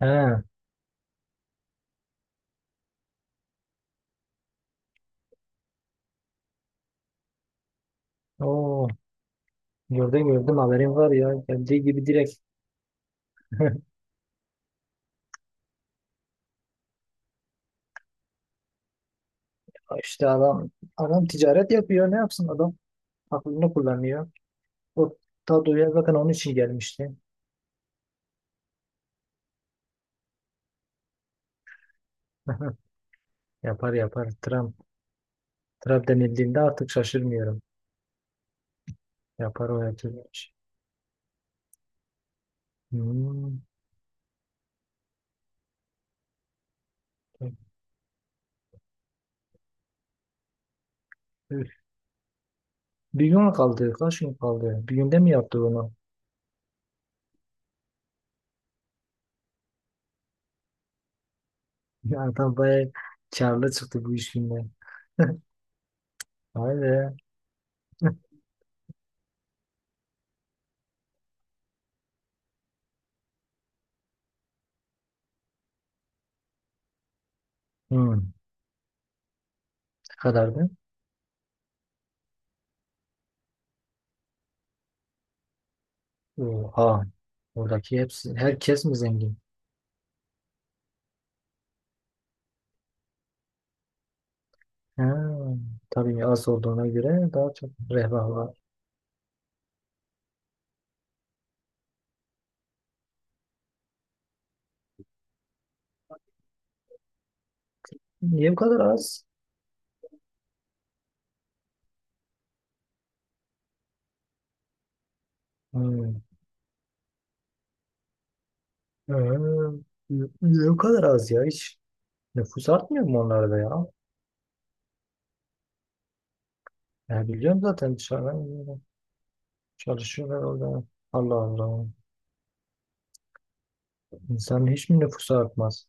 He, o gördüm gördüm, haberim var ya, geldiği gibi direkt. işte adam adam ticaret yapıyor, ne yapsın adam, aklını kullanıyor. O Tadoya zaten onun için gelmişti. Yapar yapar Trump. Trump denildiğinde artık şaşırmıyorum. Yapar o her türlü iş. Hmm. Üf, bir gün kaldı, kaç gün kaldı, bir günde mi yaptı bunu? Ya adam bayağı karlı çıktı bu işinden. Vay be. Hmm. Ne kadardı? Oha. Oradaki hepsi, herkes mi zengin? Ha, tabii az olduğuna göre daha çok refah var. Niye bu kadar az? Hmm. Ha, niye bu kadar az ya? Hiç nüfus artmıyor mu onlarda ya? Ya biliyorum, zaten dışarıdan geliyorlar, çalışıyorlar orada. Allah Allah. İnsanın hiç mi nüfusu artmaz?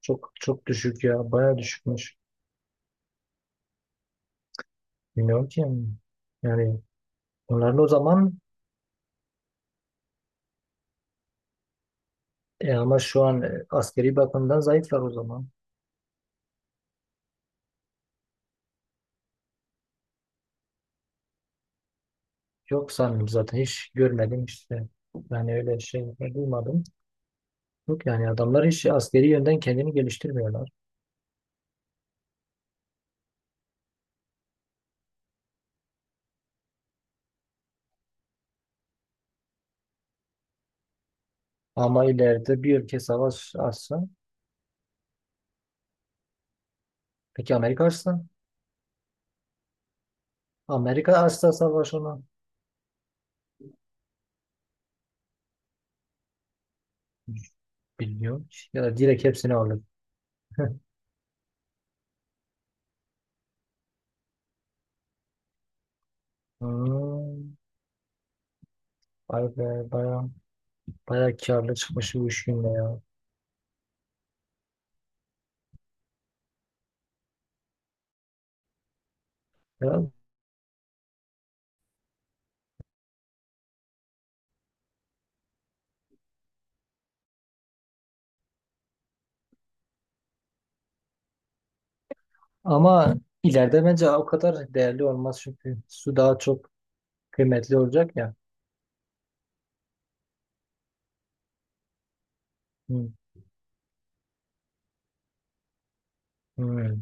Çok çok düşük ya. Baya düşükmüş. Bilmiyorum ki. Yani onların o zaman, ama şu an, askeri bakımdan zayıflar o zaman. Yok sanırım, zaten hiç görmedim işte. Yani öyle şey duymadım. Yok yani adamlar hiç askeri yönden kendini geliştirmiyorlar. Ama ileride bir ülke savaş açsa, peki Amerika açsa? Amerika açsa savaş ona. Bilmiyorum ki. Ya da direkt hepsini alır. Hmm, vay be. Baya baya karlı çıkmış bu iş günde ya. Ya, ama ileride bence o kadar değerli olmaz, çünkü su daha çok kıymetli olacak ya. Hmm, hmm,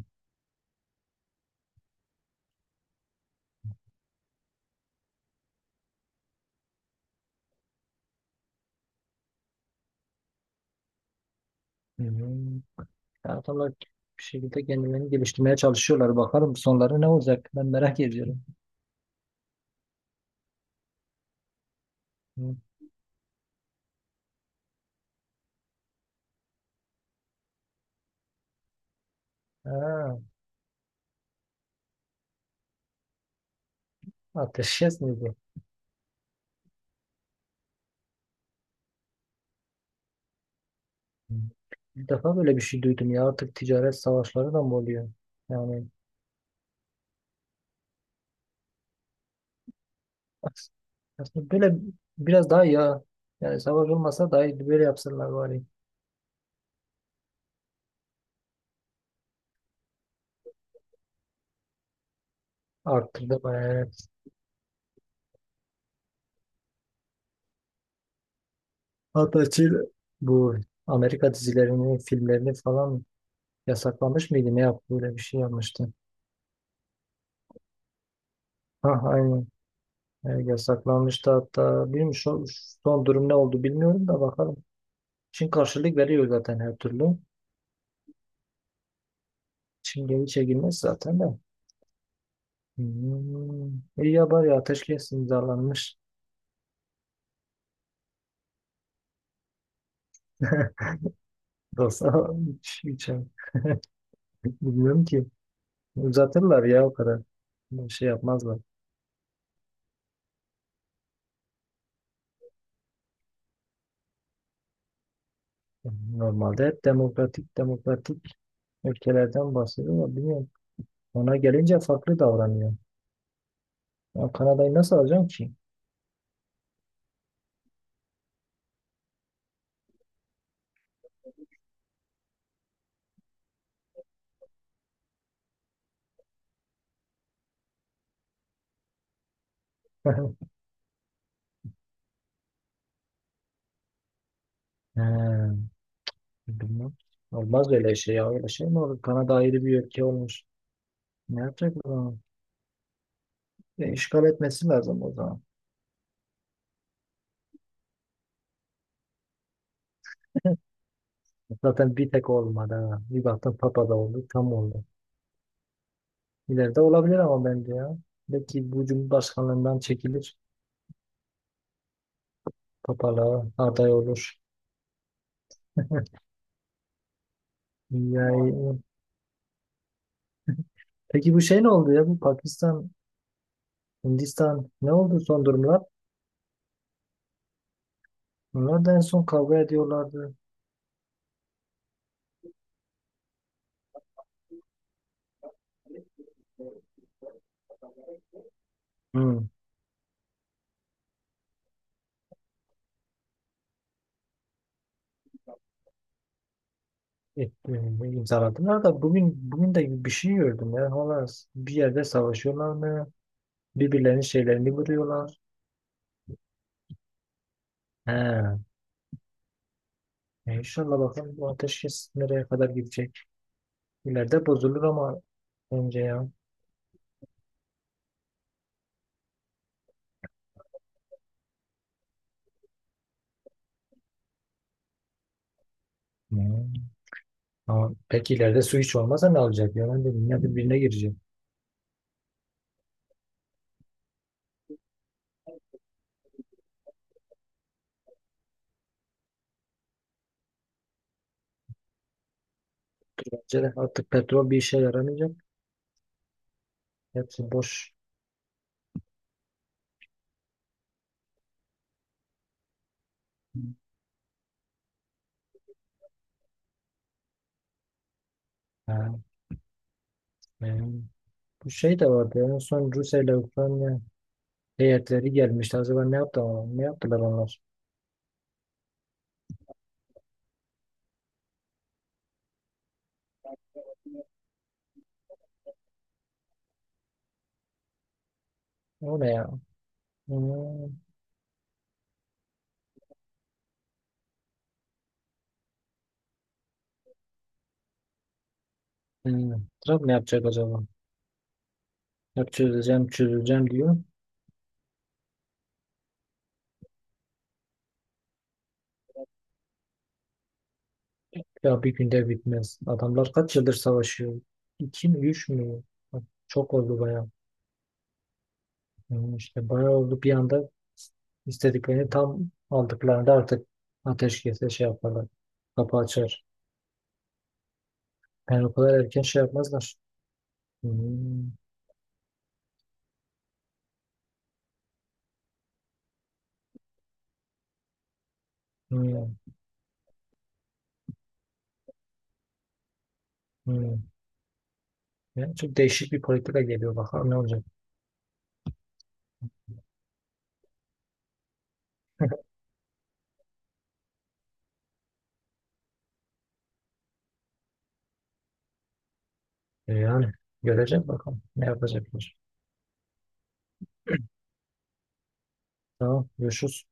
hmm. Yani adamlar bir şekilde kendilerini geliştirmeye çalışıyorlar. Bakalım sonları ne olacak? Ben merak ediyorum. Hı. Ha, ateşkes mi bu? Hı. İlk defa böyle bir şey duydum ya. Artık ticaret savaşları da mı oluyor? Yani as- aslında böyle biraz daha ya. Yani savaş olmasa dahi böyle yapsalar bari. Arttırdı bayağı. Evet. Hatta Çin bu Amerika dizilerini, filmlerini falan yasaklamış mıydı? Ne yaptı? Böyle bir şey yapmıştı. Ha, aynen. Evet, yasaklanmıştı hatta. Bilmiyorum, son durum ne oldu bilmiyorum da bakalım. Çin karşılık veriyor zaten her türlü. Çin geri çekilmez zaten de. Hmm. İyi ya bari ateşkes imzalanmış. Yoksa hiç şey, bilmiyorum ki. Uzatırlar ya o kadar. Bir şey yapmazlar. Normalde hep demokratik demokratik ülkelerden bahsediyor ama bilmiyorum. Ona gelince farklı davranıyor. Ya Kanada'yı nasıl alacağım ki? He. Bilmem. Olmaz öyle şey ya. Öyle şey mi olur? Kanada ayrı bir ülke olmuş. Ne yapacak o zaman? İşgal etmesi lazım o zaman. Zaten bir tek olmadı ha. Bir baktım Papa da oldu. Tam oldu. İleride olabilir ama bence ya. Belki bu cumhurbaşkanlığından çekilir. Papalığa aday olur. Yani, peki bu şey ne oldu ya? Bu Pakistan, Hindistan ne oldu son durumlar? Bunlar da en son kavga ediyorlardı. Hı. e, imzaladılar da, bugün de bir şey gördüm ya. Hala bir yerde savaşıyorlar mı? Birbirlerinin şeylerini vuruyorlar. He. İnşallah bakalım bu ateşkes nereye kadar gidecek. İleride bozulur ama önce ya. Hmm. Ama peki ileride su hiç olmazsa ne olacak? Yani dünya birbirine girecek. Bence de artık petrol bir işe yaramayacak. Hepsi boş. Ha, benim- bu şey de vardı. Ya, en son Rusya ile Ukrayna heyetleri gelmişti. Acaba ne yaptı, ne yaptılar onlar? O ne ya? Hmm. Hmm. Trump ne yapacak acaba? Hep çözeceğim, çözeceğim diyor. Ya bir günde bitmez. Adamlar kaç yıldır savaşıyor? İki mi, üç mü? Bak, çok oldu bayağı. Hmm, işte bayağı oldu. Bir anda istediklerini tam aldıklarında artık ateşkese şey yaparlar. Kapı açar. Yani o kadar erken şey yapmazlar. Hmm. Hmm. Hmm. Yani çok değişik bir politika geliyor. Bakalım ne olacak. Yani göreceğiz bakalım ne yapacaklar. Tamam, görüşürüz.